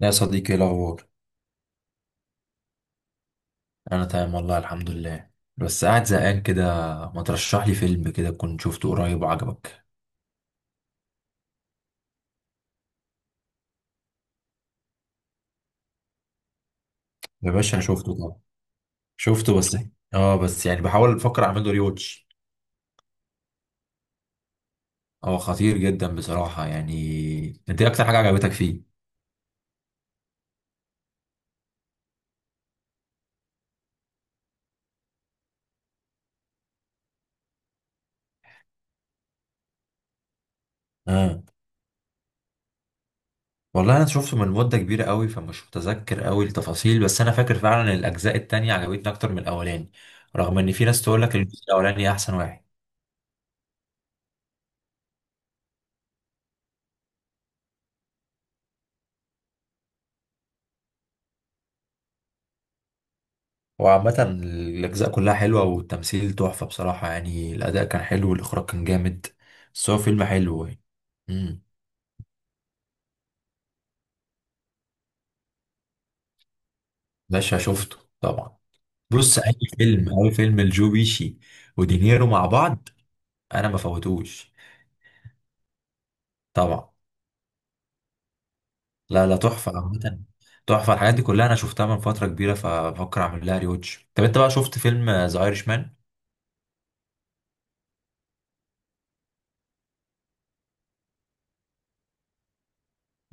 لا يا صديقي، ايه الاخبار؟ انا تمام والله الحمد لله. بس قاعد زهقان كده. ما ترشح لي فيلم كده كنت شفته قريب وعجبك؟ يا باشا انا شفته طبعا. شفته بس. اه بس يعني بحاول افكر اعمله ريوتش. هو خطير جدا بصراحة. يعني انت إيه اكتر حاجة عجبتك فيه؟ اه والله انا شفته من مدة كبيرة قوي، فمش متذكر قوي التفاصيل، بس انا فاكر فعلا إن الاجزاء التانية عجبتني اكتر من الاولاني، رغم ان في ناس تقول لك الجزء الاولاني احسن واحد. هو عامة الأجزاء كلها حلوة، والتمثيل تحفة بصراحة، يعني الأداء كان حلو والإخراج كان جامد. بس هو فيلم حلو يعني. امم باشا شفته طبعا. بص، أي فيلم، أي فيلم لجو بيشي ودينيرو مع بعض أنا ما فوتوش طبعا. لا لا، تحفة عامة. تحفة. الحاجات دي كلها أنا شفتها من فترة كبيرة، فبفكر أعمل لها ريوتش. طب أنت بقى شفت فيلم ذا أيرش مان؟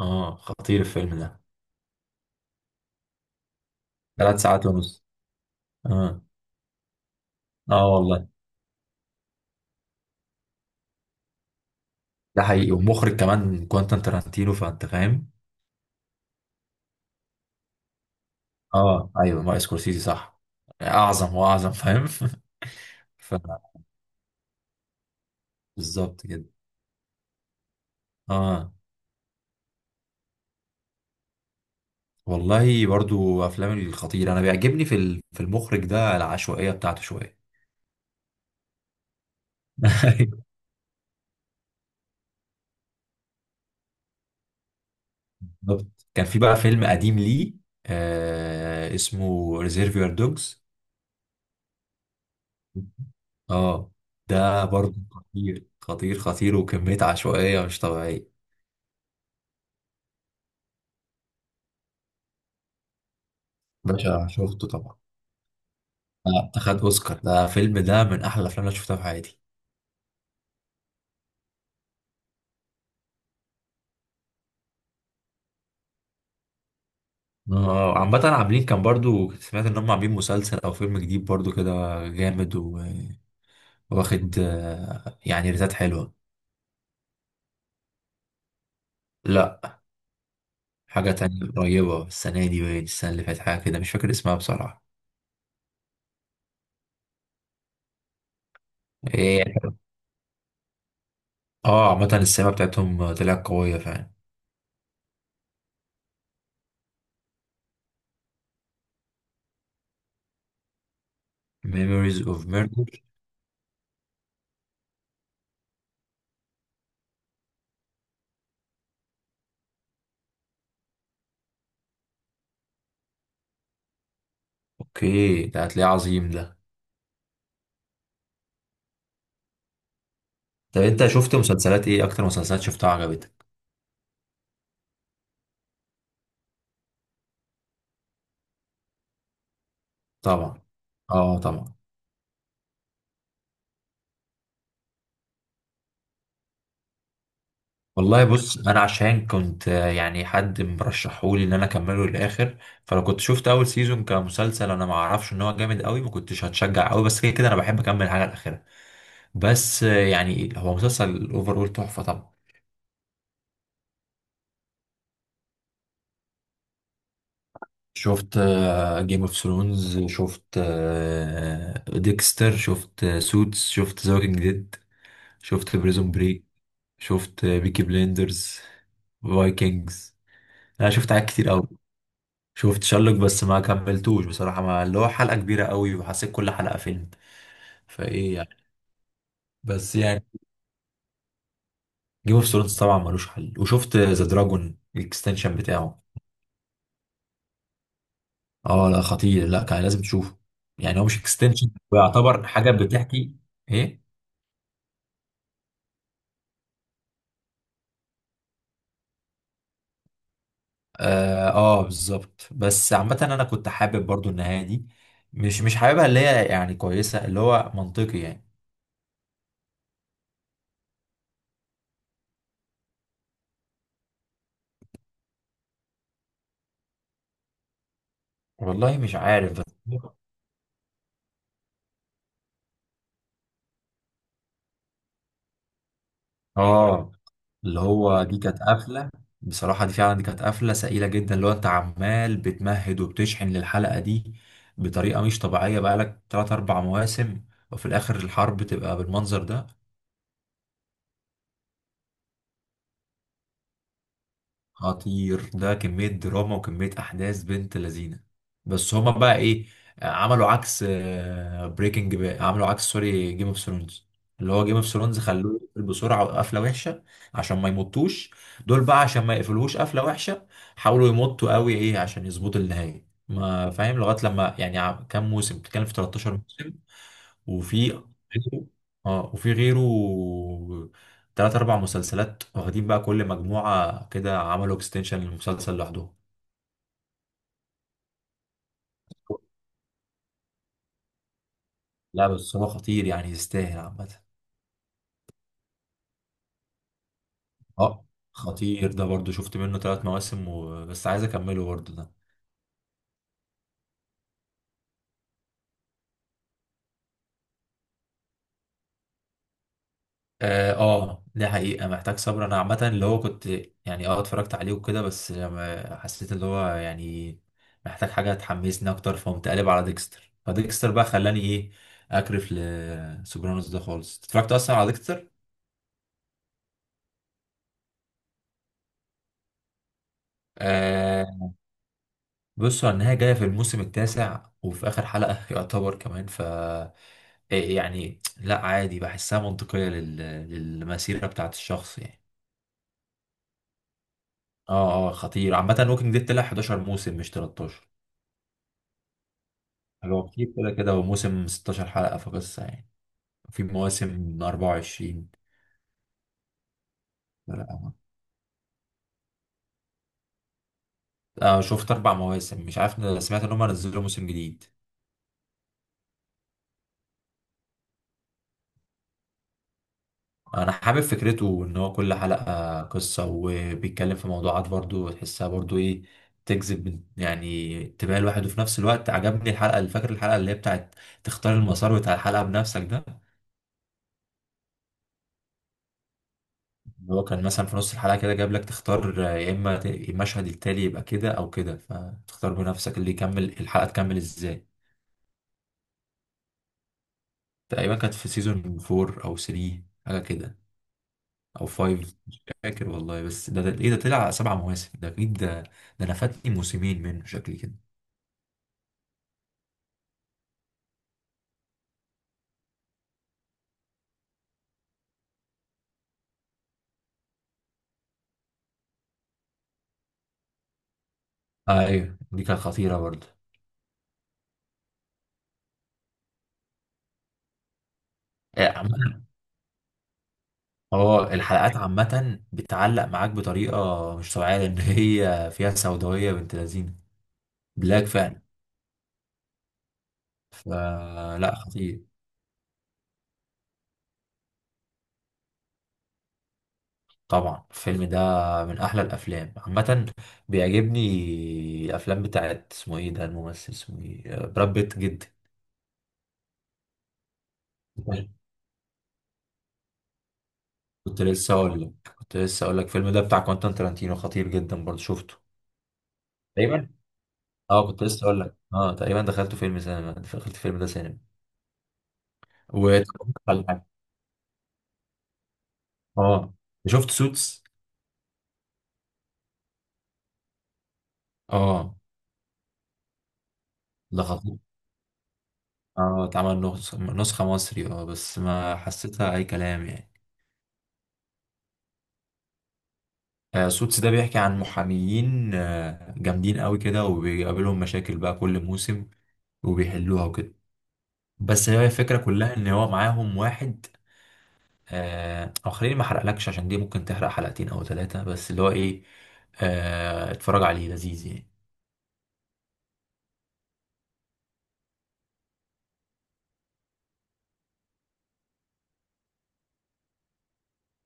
آه خطير الفيلم ده. ثلاث ساعات ونص. آه. آه والله، ده حقيقي. ومخرج كمان كوانتين تارانتينو، فأنت فاهم. اه ايوه مارتن سكورسيزي، صح. اعظم واعظم، فاهم. ف بالظبط كده. اه والله، برضو افلام الخطير انا بيعجبني. في المخرج ده العشوائيه بتاعته شويه. أيوة، بالظبط. كان في بقى فيلم قديم ليه، آه اسمه ريزيرفير دوجز. اه ده برضو خطير خطير خطير، وكميه عشوائيه مش طبيعيه. باشا شفته طبعا. اخد اوسكار. ده فيلم، ده من احلى الافلام اللي أنا شفتها في حياتي. اه عامة عاملين، كان برضو كنت سمعت ان هم عاملين مسلسل او فيلم جديد برضو كده. جامد واخد، يعني ريتات حلوة. لا، حاجة تانية قريبة، السنة دي باين السنة اللي فاتت، حاجة كده مش فاكر اسمها بصراحة. ايه. اه عامة السماء بتاعتهم طلعت قوية فعلا. Memories of Murder. اوكي، ده هتلاقيه عظيم ده. طب انت شفت مسلسلات ايه؟ اكتر مسلسلات شفتها عجبتك؟ طبعا. اه طبعا. والله بص، انا عشان كنت، يعني حد مرشحولي ان انا اكمله للاخر. فلو كنت شفت اول سيزون كمسلسل انا ما اعرفش ان هو جامد قوي، ما كنتش هتشجع قوي. بس كده كده انا بحب اكمل حاجه الاخيره. بس يعني هو مسلسل اوفر تحفه طبعا. شفت جيم اوف ثرونز، شفت ديكستر، شفت سوتس، شفت ذا ووكينج ديد، شفت بريزون بريك، شفت بيكي بليندرز، فايكنجز. انا شفت حاجات كتير قوي. شفت شارلوك، بس ما كملتوش بصراحة. ما اللي هو حلقة كبيرة قوي وحسيت كل حلقة فيلم، فايه يعني. بس يعني جيم اوف ثرونز طبعا ملوش حل. وشفت ذا دراجون الاكستنشن بتاعه. اه لا خطير، لا كان لازم تشوفه. يعني هو مش اكستنشن، ويعتبر حاجة بتحكي. ايه. اه, آه بالظبط. بس عامة انا كنت حابب برضو النهاية دي. مش حاببها، اللي هي يعني كويسة، اللي هو منطقي يعني. والله مش عارف. بس اه، اللي هو دي كانت قفله. بصراحه دي فعلا، دي كانت قفله سئيله جدا. اللي هو انت عمال بتمهد وبتشحن للحلقه دي بطريقه مش طبيعيه بقالك 3 4 مواسم، وفي الاخر الحرب تبقى بالمنظر ده. خطير ده، كمية دراما وكمية أحداث بنت لذينة. بس هما بقى إيه، عملوا عكس بريكنج بقى، عملوا عكس سوري، جيم اوف ثرونز، اللي هو جيم اوف ثرونز خلوه يقفل بسرعة وقفلة وحشة عشان ما يمطوش. دول بقى عشان ما يقفلوش قفلة وحشة حاولوا يمطوا قوي. إيه، عشان يظبطوا النهاية ما فاهم. لغاية لما يعني كام موسم بتتكلم؟ في 13 موسم. وفي اه، وفي غيره تلات أربع مسلسلات واخدين بقى كل مجموعة كده، عملوا اكستنشن للمسلسل لوحدهم. لا بس هو خطير يعني، يستاهل عامة. اه خطير ده برضو. شفت منه تلات مواسم وبس، عايز أكمله برضو ده. اه آه، دي حقيقة محتاج صبر. انا عامة اللي هو كنت، يعني اه اتفرجت عليه وكده. بس لما حسيت اللي هو يعني محتاج حاجة تحمسني اكتر، فقمت قالب على ديكستر. فديكستر بقى خلاني ايه، اكرف لسوبرانوس ده خالص، اتفرجت اصلا على ديكستر. آه. بصوا على النهاية جاية في الموسم التاسع، وفي اخر حلقة يعتبر كمان، ف إيه يعني. لا عادي، بحسها منطقية للمسيرة بتاعت الشخص يعني. اه اه خطير عامة. ووكينج ديد طلع 11 موسم مش 13. هو كتير كده كده. هو موسم 16 حلقة في قصة يعني. في مواسم 24. لا أنا شفت أربع مواسم. مش عارف، أنا سمعت إن هم نزلوا موسم جديد. أنا حابب فكرته إن هو كل حلقة قصة، وبيتكلم في موضوعات برضو تحسها برضو إيه، تجذب يعني انتباه الواحد. وفي نفس الوقت عجبني الحلقة، اللي فاكر الحلقة اللي هي بتاعت تختار المسار بتاع الحلقة بنفسك ده. اللي هو كان مثلا في نص الحلقة كده جاب لك تختار، يا إما المشهد التالي يبقى كده أو كده، فتختار بنفسك اللي يكمل الحلقة تكمل إزاي. تقريبا كانت في سيزون 4 او 3، حاجه كده او 5. فاكر والله. بس ده ايه؟ ده طلع سبع مواسم ده اكيد ده. ده انا فاتني موسمين منه شكلي كده. آه ايوه، دي كانت خطيره برضه. عامة اه الحلقات عامة بتعلق معاك بطريقة مش طبيعية، لأن هي فيها سوداوية بنت لذينة، بلاك فعلا. فلا خطير. طبعا الفيلم ده من أحلى الأفلام عامة. بيعجبني الأفلام بتاعت اسمه إيه ده، الممثل اسمه إيه، براد بيت جدا. كنت لسه اقول لك الفيلم ده بتاع كوانتين ترانتينو خطير جدا برضه، شفته تقريبا. اه كنت لسه اقول لك. اه تقريبا دخلته فيلم سينما، دخلت فيلم ده سينما. و على حاجة. اه. شفت سوتس. اه. ده خطير. اه اتعمل نسخة مصري، اه بس ما حسيتها اي كلام يعني. آه سوتس ده بيحكي عن محاميين آه جامدين قوي كده، وبيقابلهم مشاكل بقى كل موسم، وبيحلوها وكده. بس هي الفكرة كلها ان هو معاهم واحد، او خليني ما احرقلكش عشان دي ممكن تحرق حلقتين او ثلاثة. بس اللي هو ايه، اتفرج عليه لذيذ يعني.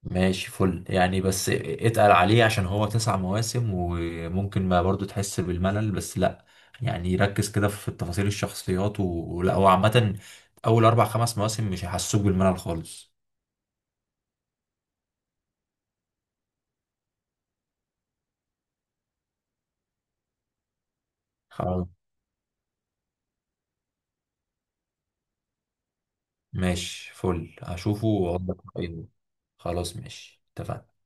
ماشي فل يعني، بس اتقل عليه عشان هو تسع مواسم وممكن ما برضو تحس بالملل. بس لا يعني، ركز كده في تفاصيل الشخصيات ولا هو عامة اول اربع خمس مواسم مش هيحسوك بالملل خالص. خلاص ماشي فل، هشوفه واقول لك رأيي. خلاص ماشي، اتفقنا.